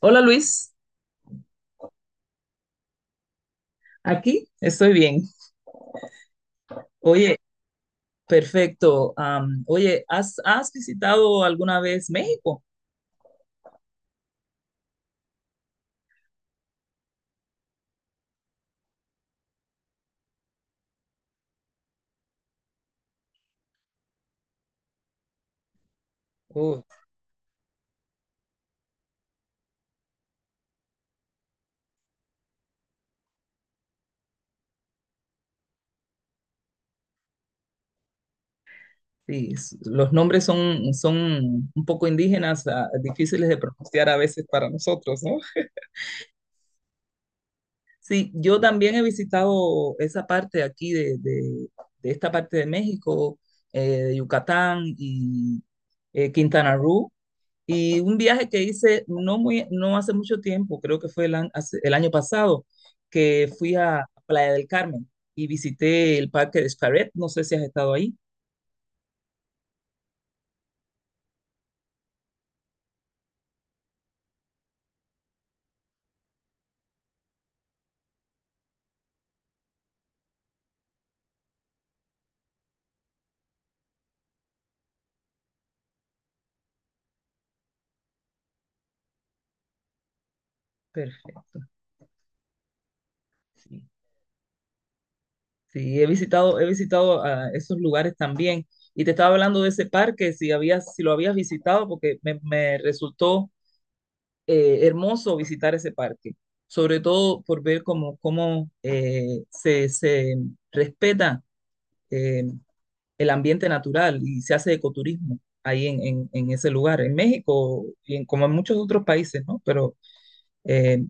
Hola, Luis, aquí estoy bien. Oye, perfecto. ¿Has visitado alguna vez México? Uh, sí, los nombres son un poco indígenas, difíciles de pronunciar a veces para nosotros, ¿no? Sí, yo también he visitado esa parte aquí de esta parte de México, de Yucatán y Quintana Roo. Y un viaje que hice no hace mucho tiempo, creo que fue el año pasado, que fui a Playa del Carmen y visité el Parque de Xcaret. No sé si has estado ahí. Perfecto. Sí. Sí, he visitado, he visitado, esos lugares también. Y te estaba hablando de ese parque, si habías, si lo habías visitado, porque me resultó hermoso visitar ese parque, sobre todo por ver cómo, cómo, se respeta eh, el ambiente natural y se hace ecoturismo ahí en ese lugar, en México y en, como en muchos otros países, ¿no? Pero, eh,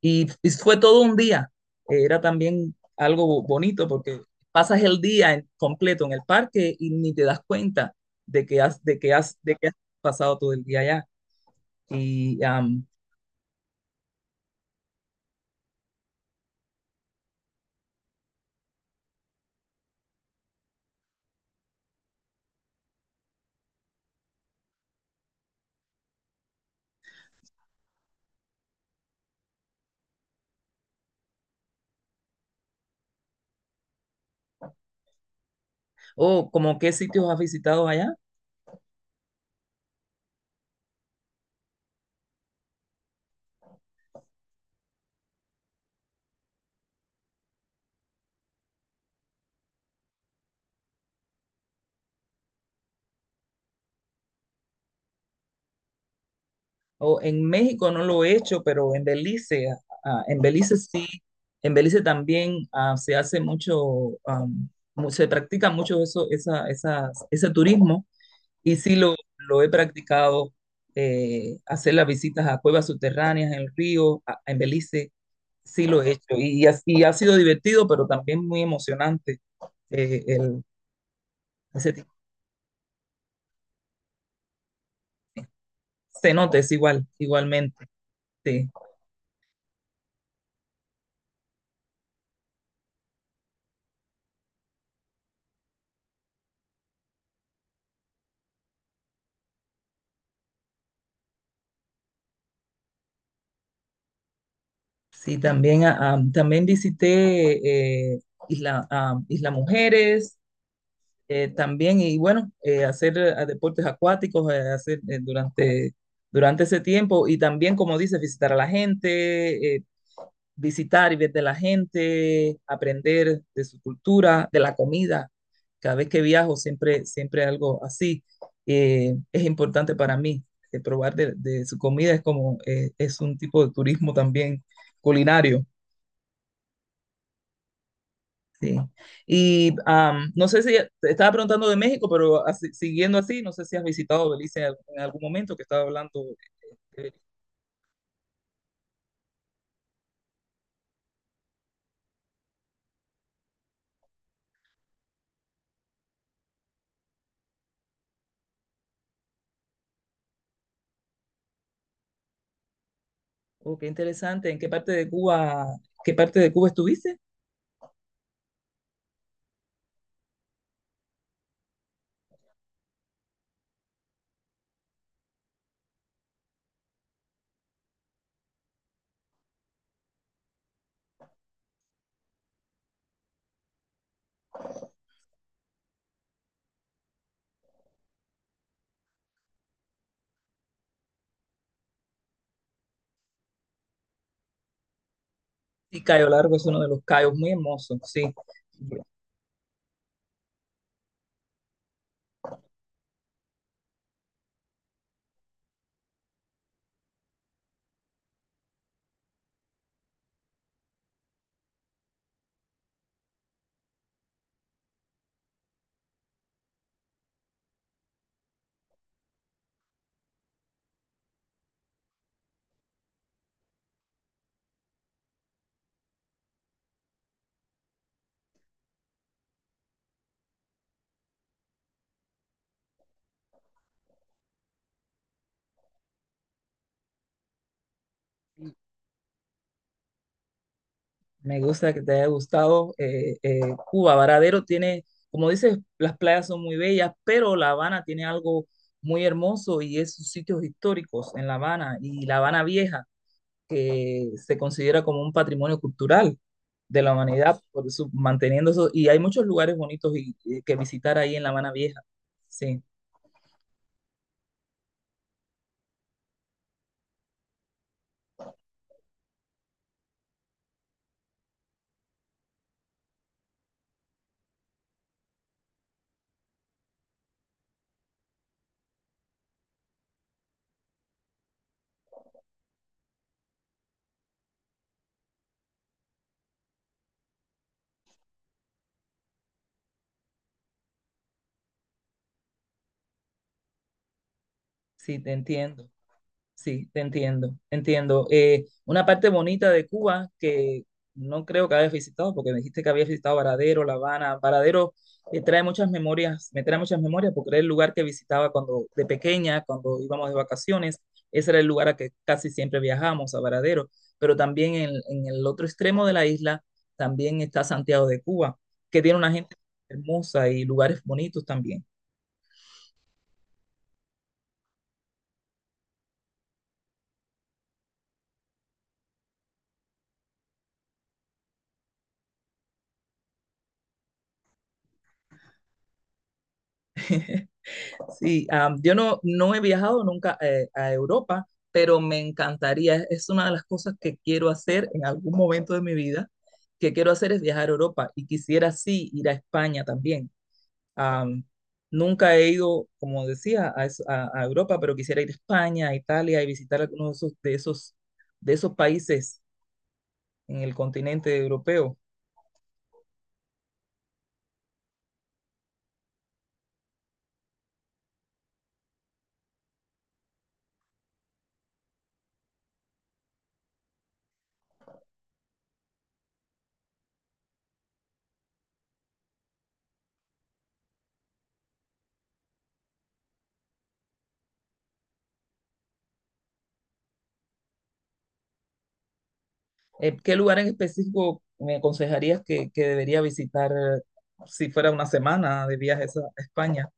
y fue todo un día, era también algo bonito porque pasas el día completo en el parque y ni te das cuenta de que has pasado todo el día allá. Y am, o como qué sitios has visitado allá. O en México no lo he hecho, pero en Belice, en Belice sí, en Belice también, se hace mucho, se practica mucho eso, ese turismo y sí lo he practicado, hacer las visitas a cuevas subterráneas en el río, en Belice, sí lo he hecho y, ha sido divertido, pero también muy emocionante, eh, el, ese tipo de cenotes, igualmente, sí. Sí, también, también visité, Isla Mujeres, también, y bueno, hacer deportes acuáticos, durante ese tiempo, y también, como dices, visitar a la gente, visitar y ver de la gente, aprender de su cultura, de la comida. Cada vez que viajo, siempre, siempre algo así es importante para mí. Probar su comida es como, es un tipo de turismo también culinario. Sí. No sé si te estaba preguntando de México, pero así, siguiendo así, no sé si has visitado Belice en algún momento que estaba hablando. De Belice. Oh, qué interesante. ¿En qué parte de Cuba, qué parte de Cuba estuviste? Sí, Cayo Largo es uno de los cayos muy hermosos, sí. Me gusta que te haya gustado. Cuba, Varadero tiene, como dices, las playas son muy bellas, pero La Habana tiene algo muy hermoso y es sus sitios históricos en La Habana y La Habana Vieja, que se considera como un patrimonio cultural de la humanidad, por eso, manteniendo eso. Y hay muchos lugares bonitos y que visitar ahí en La Habana Vieja. Sí, sí, te entiendo. Sí, te entiendo, entiendo. Una parte bonita de Cuba que no creo que hayas visitado, porque me dijiste que habías visitado Varadero, La Habana. Varadero, trae muchas memorias, me trae muchas memorias porque era el lugar que visitaba cuando de pequeña, cuando íbamos de vacaciones. Ese era el lugar a que casi siempre viajamos, a Varadero. Pero también en el otro extremo de la isla también está Santiago de Cuba, que tiene una gente hermosa y lugares bonitos también. Yo no he viajado nunca, a Europa, pero me encantaría. Es una de las cosas que quiero hacer en algún momento de mi vida, que quiero hacer es viajar a Europa y quisiera sí ir a España también. Am, Nunca he ido, como decía, a Europa, pero quisiera ir a España, a Italia y visitar algunos de esos países en el continente europeo. ¿Qué lugar en específico me aconsejarías que debería visitar, si fuera una semana de viajes a España?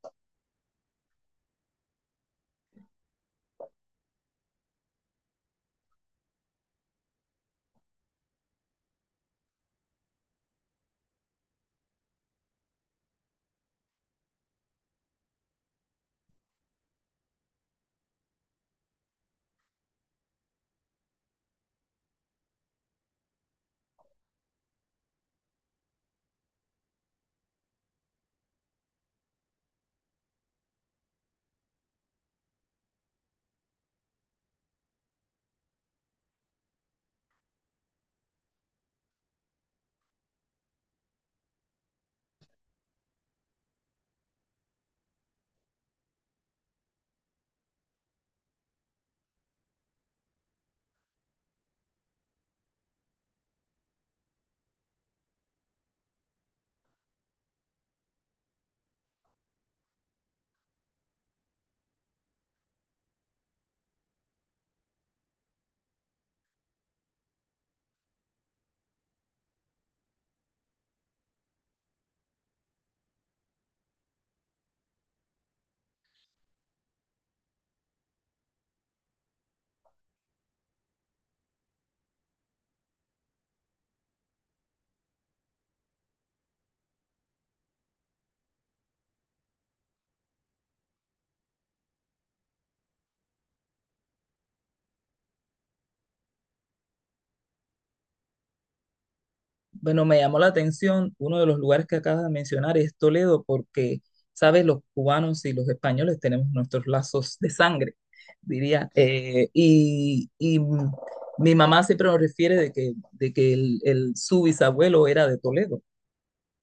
Bueno, me llamó la atención uno de los lugares que acabas de mencionar es Toledo, porque, sabes, los cubanos y los españoles tenemos nuestros lazos de sangre, diría. Mi mamá siempre nos refiere de que, su bisabuelo era de Toledo.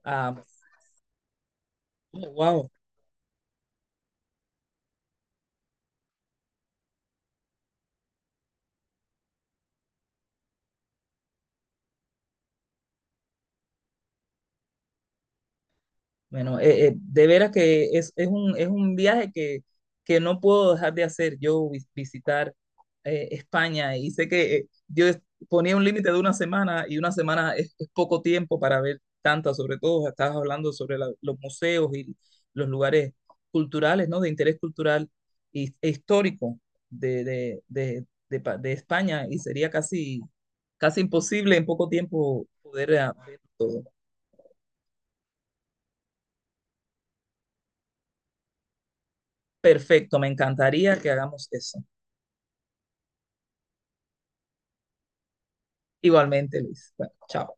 Ah, wow. Bueno, de veras que es un viaje que no puedo dejar de hacer. Yo visitar España y sé que ponía un límite de una semana y una semana es poco tiempo para ver tantas, sobre todo estabas hablando sobre los museos y los lugares culturales, ¿no? De interés cultural y, e histórico de España y sería casi, casi imposible en poco tiempo poder ver todo. Perfecto, me encantaría que hagamos eso. Igualmente, Luis. Bueno, chao.